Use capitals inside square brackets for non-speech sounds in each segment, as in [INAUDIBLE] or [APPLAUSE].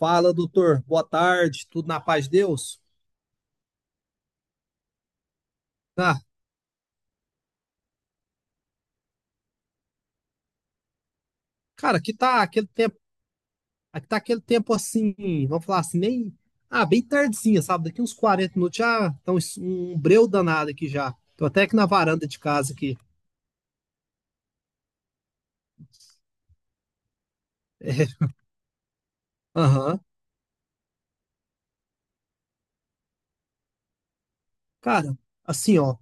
Fala, doutor. Boa tarde. Tudo na paz de Deus? Ah, cara, aqui tá aquele tempo assim, vamos falar assim, nem, ah, bem tardezinha, sabe? Daqui uns 40 minutos já tá um breu danado aqui já. Tô até aqui na varanda de casa aqui. É. Aham. Cara, assim, ó,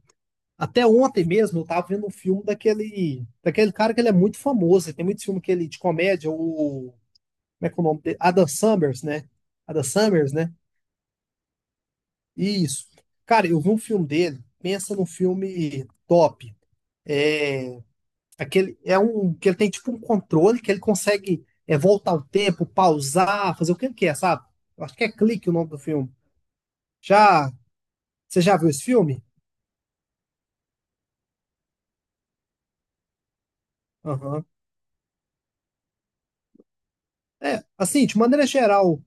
até ontem mesmo eu tava vendo um filme daquele cara que ele é muito famoso, ele tem muito filme que ele de comédia, como é que é o nome dele? Adam Summers, né? Adam Summers, né? Isso. Cara, eu vi um filme dele, pensa num filme top. É, aquele é um que ele tem tipo um controle que ele consegue voltar o tempo, pausar, fazer o que ele quer, sabe? Eu acho que é clique o nome do filme. Já Você já viu esse filme? Aham. É, assim, de maneira geral,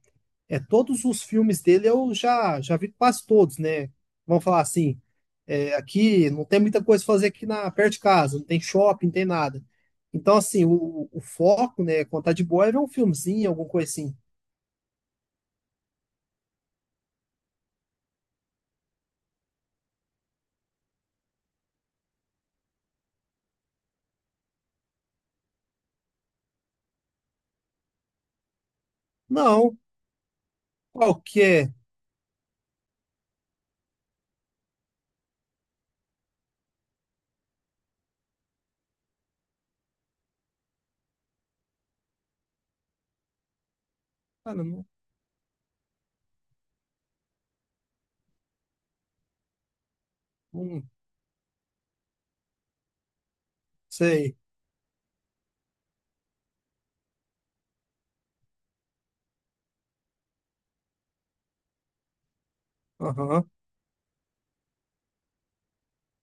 todos os filmes dele eu já vi quase todos, né? Vamos falar assim, aqui, não tem muita coisa pra fazer aqui na perto de casa, não tem shopping, não tem nada. Então, assim, o foco, né, quando tá de boa, é ver um filmezinho, alguma coisa assim. Não, qualquer. Cara, não, não sei. Aham.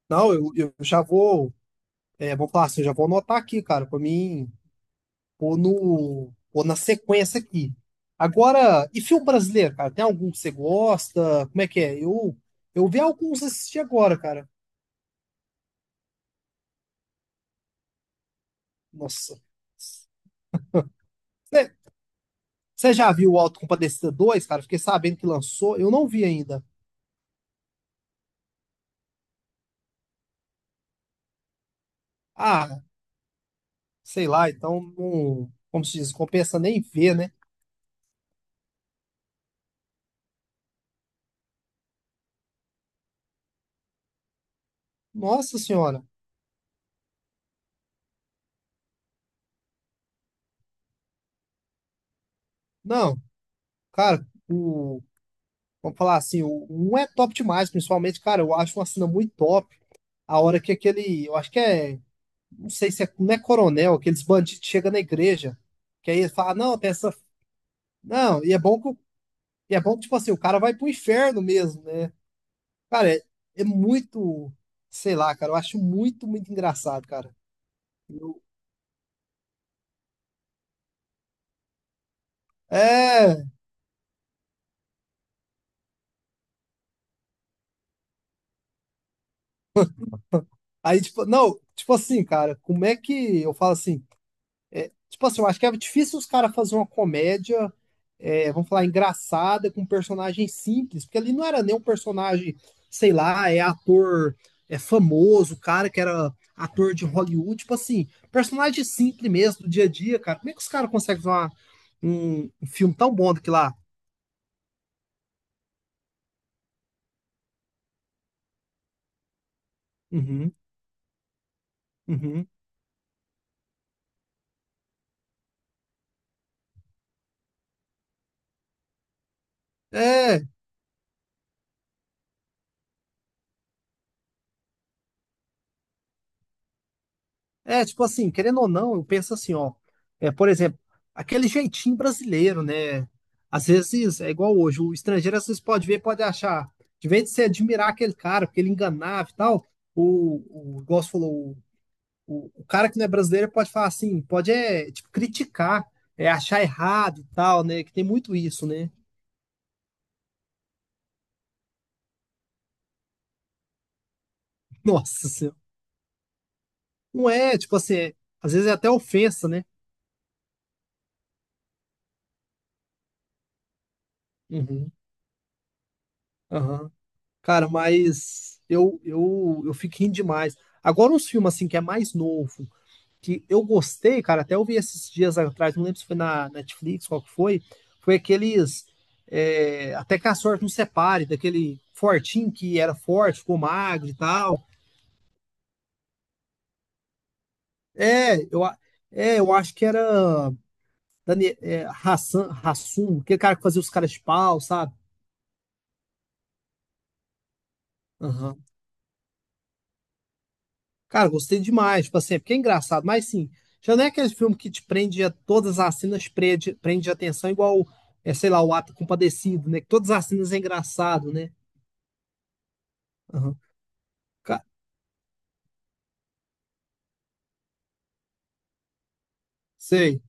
Não, eu já vou, vou falar assim, eu já vou anotar aqui, cara, pra mim pôr no, pôr na sequência aqui. Agora, e filme brasileiro, cara? Tem algum que você gosta? Como é que é? Eu vi alguns assistir agora, cara. Nossa. Você já viu o Autocompadecida 2, cara? Fiquei sabendo que lançou, eu não vi ainda. Ah, sei lá, então, não, como se diz, compensa nem ver, né? Nossa senhora. Não, cara, vamos falar assim, o 1 é top demais, principalmente, cara, eu acho uma cena muito top. A hora que aquele, eu acho que é, não sei se é, não é coronel, aqueles bandidos chegam na igreja, que aí ele fala, não, tem essa, não, e é bom que, tipo assim, o cara vai pro inferno mesmo, né? Cara, é muito, sei lá, cara, eu acho muito, muito engraçado, cara. É, aí, tipo, não, tipo assim, cara, como é que eu falo assim? Tipo assim, eu acho que é difícil os caras fazer uma comédia, vamos falar, engraçada, com um personagem simples, porque ali não era nem um personagem, sei lá, é ator, é famoso, cara que era ator de Hollywood, tipo assim, personagem simples mesmo, do dia a dia, cara. Como é que os caras conseguem fazer um filme tão bom daquilo lá? Uhum, uhum. É, é, tipo assim, querendo ou não, eu penso assim, ó. É, por exemplo, aquele jeitinho brasileiro, né? Às vezes é igual hoje, o estrangeiro às vezes pode ver, pode achar. De vez de você admirar aquele cara, porque ele enganava e tal, o igual você falou, o cara que não é brasileiro pode falar assim, pode tipo, criticar, é achar errado e tal, né? Que tem muito isso, né? [LAUGHS] Nossa Senhora. Não é, tipo assim, às vezes é até ofensa, né? Uhum. Aham. Cara, mas eu fico rindo demais. Agora, uns filmes assim que é mais novo, que eu gostei, cara, até eu vi esses dias atrás, não lembro se foi na Netflix, qual que foi, foi aqueles Até que a sorte nos separe, daquele fortinho que era forte, ficou magro e tal. É, eu, é, eu acho que era Dani, Hassan, Hassum, aquele cara que fazia os caras de pau, sabe? Cara, gostei demais, tipo assim, é porque é engraçado, mas sim, já não é aquele filme que te prende a todas as cenas, prende a atenção, igual, sei lá, o Ato Compadecido, né? Que todas as cenas é engraçado, né? Aham. Ca- Sei.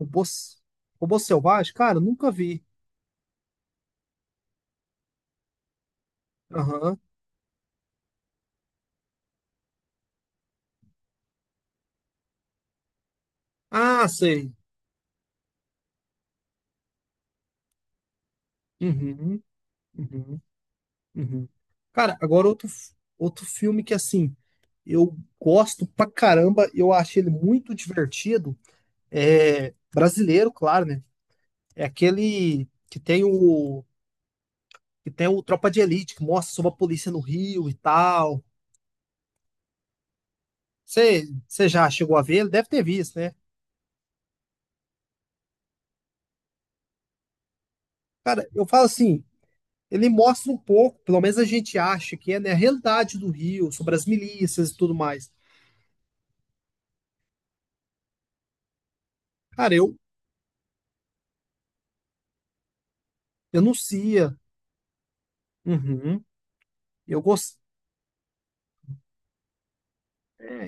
Robô, S- Robô Selvagem? Cara, eu nunca vi. Aham. Ah, sei. Uhum, uhum, uhum. Cara, agora outro filme que, assim, eu gosto pra caramba, eu achei ele muito divertido, é brasileiro, claro, né? É aquele que tem o Tropa de Elite, que mostra sobre a polícia no Rio e tal. Você já chegou a ver? Ele deve ter visto, né? Cara, eu falo assim, ele mostra um pouco, pelo menos a gente acha que é, né, a realidade do Rio, sobre as milícias e tudo mais. Cara, eu denuncia. Uhum. Eu gosto,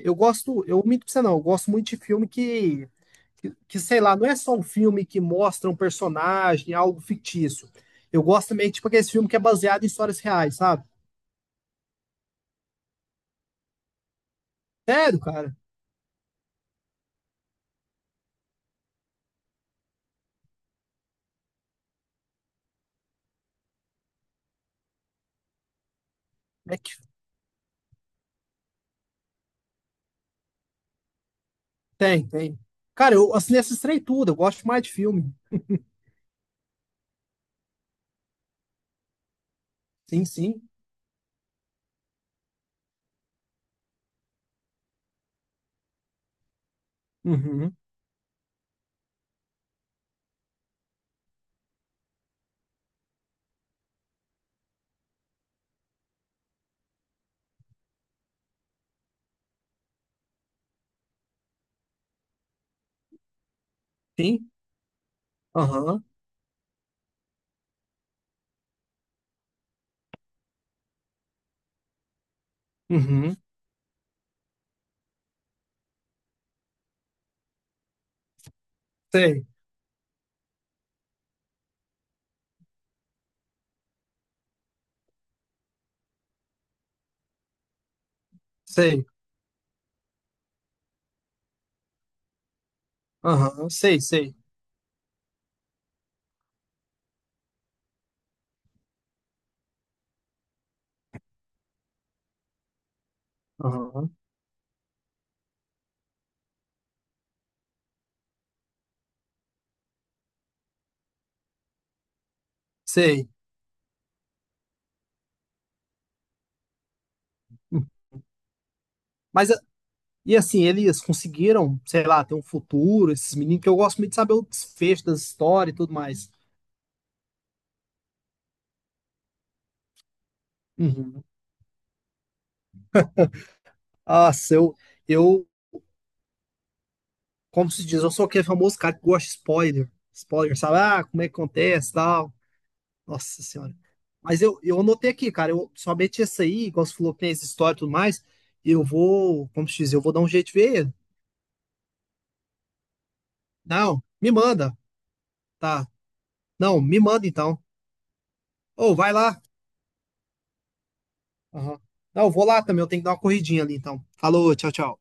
eu gosto, eu minto pra você não, eu gosto muito de filme que, sei lá, não é só um filme que mostra um personagem, algo fictício. Eu gosto também, tipo, aquele filme que é baseado em histórias reais, sabe? Sério, cara? É que tem, tem. Cara, eu assinei essas três tudo. Eu gosto mais de filme. Sim, sim. Uhum. Sim. Aham. Uhum. Sei, sei. Aham. Sei, sei. Aham. Sei. Hum. Mas, e assim, eles conseguiram, sei lá, ter um futuro, esses meninos, que eu gosto muito de saber o desfecho das histórias e tudo mais. Uhum. Ah, eu, como se diz, eu sou aquele famoso cara que gosta de spoiler. Spoiler, sabe? Ah, como é que acontece, tal. Nossa senhora. Mas eu anotei aqui, cara. Eu somente essa aí, igual você falou que tem essa história e tudo mais. Eu vou, como se diz, eu vou dar um jeito de ver. Não, me manda. Tá. Não, me manda então. Ou vai lá. Aham. Não, eu vou lá também. Eu tenho que dar uma corridinha ali então. Falou, tchau, tchau.